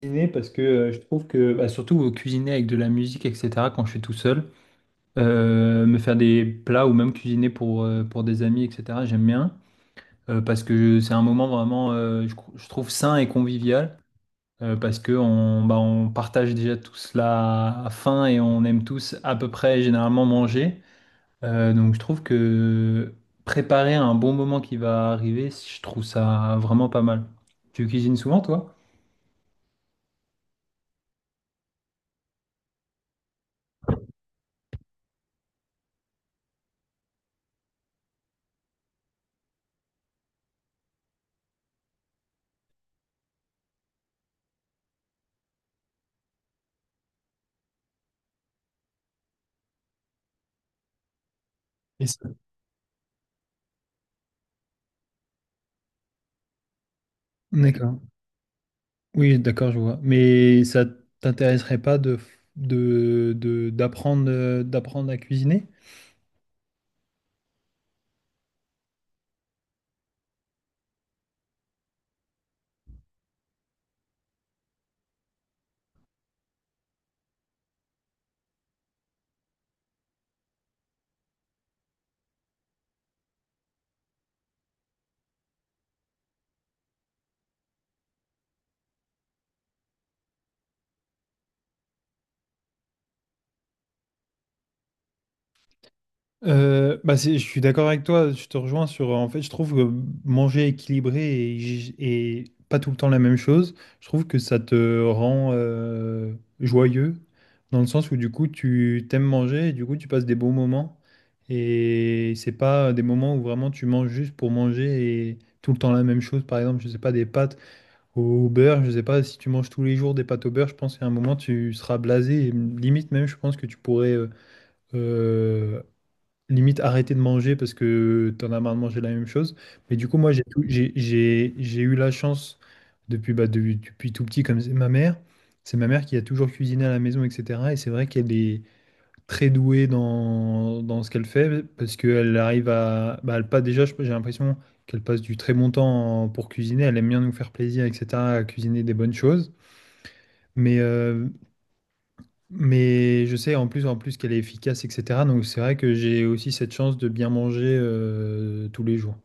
Cuisiner parce que je trouve que surtout cuisiner avec de la musique etc quand je suis tout seul, me faire des plats ou même cuisiner pour des amis etc j'aime bien, parce que c'est un moment vraiment je trouve sain et convivial, parce que on on partage déjà tous la faim et on aime tous à peu près généralement manger. Donc je trouve que préparer un bon moment qui va arriver, je trouve ça vraiment pas mal. Tu cuisines souvent toi? Et ça- D'accord. Oui, d'accord, je vois. Mais ça t'intéresserait pas d'apprendre, d'apprendre à cuisiner? Je suis d'accord avec toi, je te rejoins sur... En fait, je trouve que manger équilibré et pas tout le temps la même chose, je trouve que ça te rend joyeux, dans le sens où du coup, tu t'aimes manger et du coup, tu passes des bons moments. Et c'est pas des moments où vraiment tu manges juste pour manger et tout le temps la même chose. Par exemple, je sais pas, des pâtes. Au beurre, je sais pas, si tu manges tous les jours des pâtes au beurre, je pense qu'à un moment tu seras blasé. Et limite même, je pense que tu pourrais euh, limite arrêter de manger parce que t'en as marre de manger la même chose. Mais du coup, moi, j'ai tout- j'ai eu la chance depuis, depuis tout petit, comme c'est ma mère. C'est ma mère qui a toujours cuisiné à la maison, etc. Et c'est vrai qu'elle est très douée dans ce qu'elle fait parce qu'elle arrive à. Bah, elle passe, déjà, j'ai l'impression qu'elle passe du très bon temps pour cuisiner. Elle aime bien nous faire plaisir, etc., à cuisiner des bonnes choses. Mais, euh, mais je sais en plus qu'elle est efficace, etc. Donc c'est vrai que j'ai aussi cette chance de bien manger tous les jours.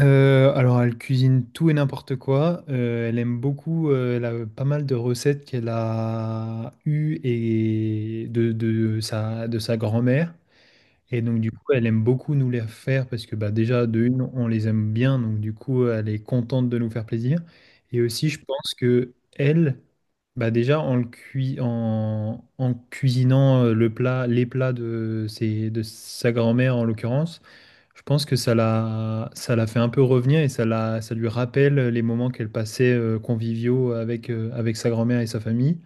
Alors, elle cuisine tout et n'importe quoi. Elle aime beaucoup. Elle a pas mal de recettes qu'elle a eues et de sa grand-mère. Et donc, du coup, elle aime beaucoup nous les faire parce que déjà, de une, on les aime bien. Donc, du coup, elle est contente de nous faire plaisir. Et aussi, je pense que elle, bah, déjà, en, le cui- en, en cuisinant les plats de sa grand-mère, en l'occurrence, je pense que ça l'a fait un peu revenir et ça lui rappelle les moments qu'elle passait conviviaux avec, avec sa grand-mère et sa famille.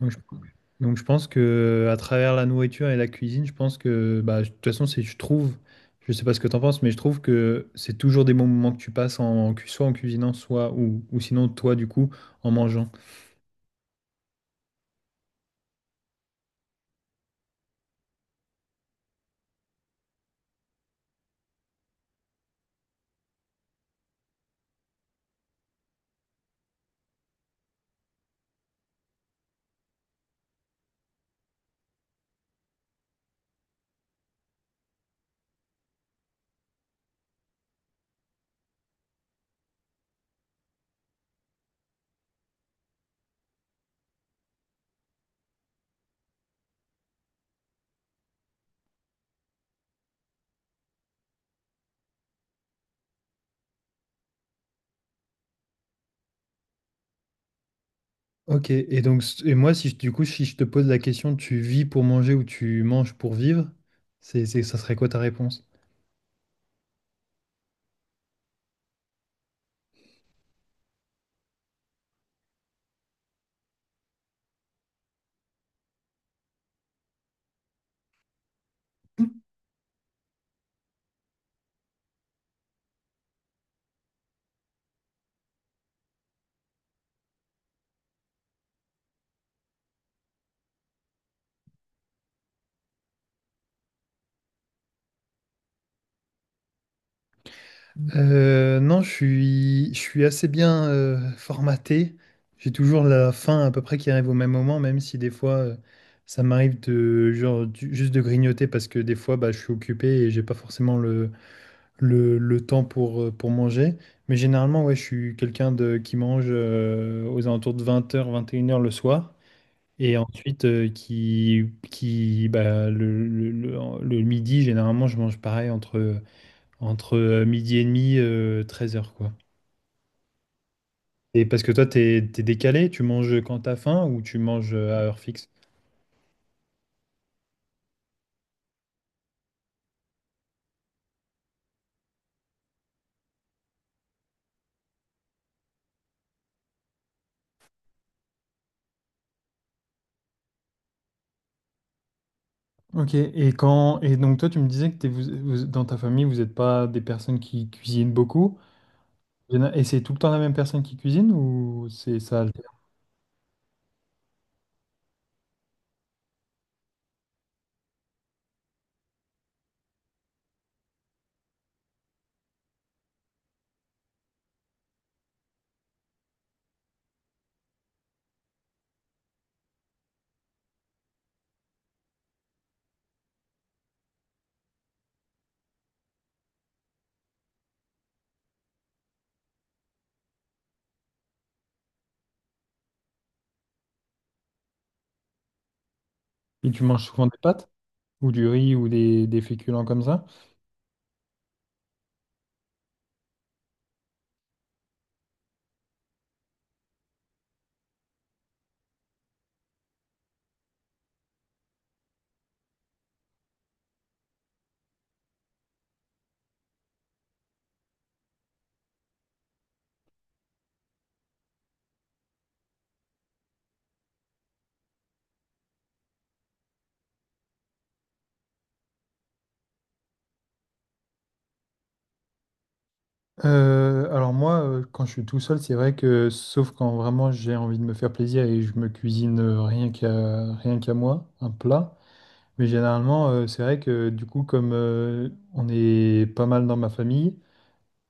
Donc je, donc je pense que à travers la nourriture et la cuisine, je pense que de toute façon, je trouve, je sais pas ce que t'en penses, mais je trouve que c'est toujours des bons moments que tu passes soit en cuisinant, ou sinon toi du coup en mangeant. Ok, et moi si je te pose la question, tu vis pour manger ou tu manges pour vivre, ça serait quoi ta réponse? Non, je suis, Je suis assez bien formaté. J'ai toujours la fin à peu près qui arrive au même moment, même si des fois ça m'arrive de juste de grignoter parce que des fois je suis occupé et j'ai pas forcément le temps pour manger. Mais généralement, ouais, je suis quelqu'un de qui mange aux alentours de 20h, 21h le soir. Et ensuite, qui, bah, le midi, généralement, je mange pareil entre midi et demi, 13h, quoi. Et parce que toi, t'es décalé, tu manges quand t'as faim ou tu manges à heure fixe? Ok, et donc toi tu me disais que dans ta famille vous n'êtes pas des personnes qui cuisinent beaucoup. Il y en a- et C'est tout le temps la même personne qui cuisine ou c'est ça alterne? Et tu manges souvent des pâtes ou du riz ou des féculents comme ça? Alors moi quand je suis tout seul c'est vrai que sauf quand vraiment j'ai envie de me faire plaisir et je me cuisine rien qu'à rien qu'à moi un plat. Mais généralement, c'est vrai que du coup, comme on est pas mal dans ma famille,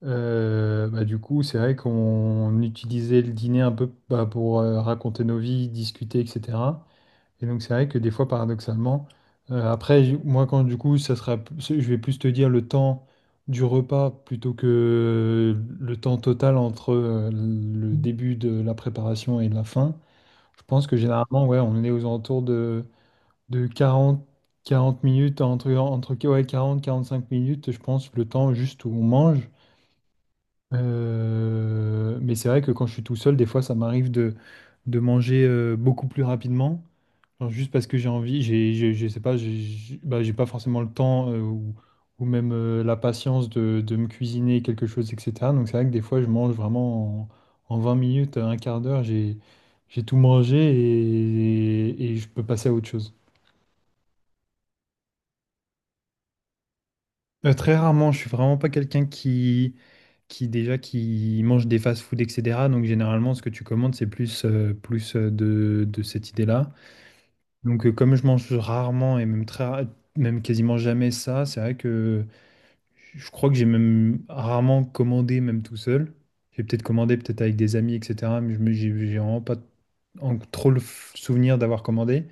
du coup, c'est vrai qu'on utilisait le dîner un peu pour raconter nos vies, discuter, etc. Et donc, c'est vrai que des fois, paradoxalement, moi, quand du coup, je vais plus te dire le temps du repas plutôt que le temps total entre le début de la préparation et la fin. Je pense que généralement, ouais, on est aux alentours de 40 minutes, entre ouais, 45 minutes, je pense, le temps juste où on mange. Mais c'est vrai que quand je suis tout seul, des fois, ça m'arrive de manger beaucoup plus rapidement, genre juste parce que j'ai envie, je sais pas, j'ai pas forcément le temps ou même la patience de me cuisiner quelque chose, etc. Donc c'est vrai que des fois, je mange vraiment en 20 minutes, un quart d'heure, j'ai tout mangé et je peux passer à autre chose. Très rarement, je suis vraiment pas quelqu'un qui déjà qui mange des fast-food, etc. Donc généralement, ce que tu commandes, c'est plus, de cette idée-là. Donc comme je mange rarement et même même quasiment jamais ça, c'est vrai que je crois que j'ai même rarement commandé même tout seul. J'ai peut-être commandé peut-être avec des amis, etc. Mais je me, j'ai vraiment pas souvenir d'avoir commandé.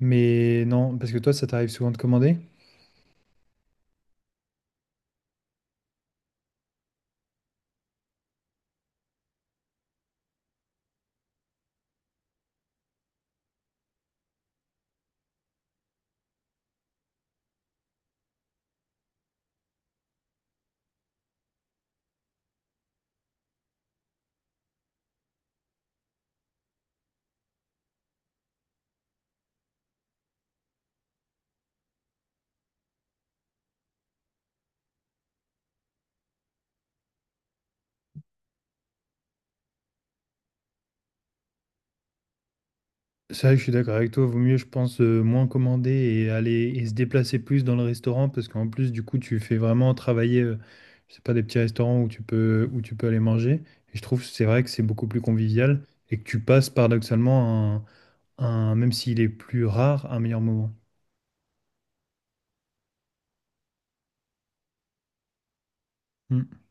Mais non, parce que toi, ça t'arrive souvent de commander? C'est vrai que je suis d'accord avec toi, vaut mieux, je pense, moins commander et aller et se déplacer plus dans le restaurant parce qu'en plus, du coup, tu fais vraiment travailler, je sais pas, des petits restaurants où tu peux aller manger. Et je trouve, c'est vrai que c'est beaucoup plus convivial et que tu passes paradoxalement même s'il est plus rare, un meilleur moment. Hmm.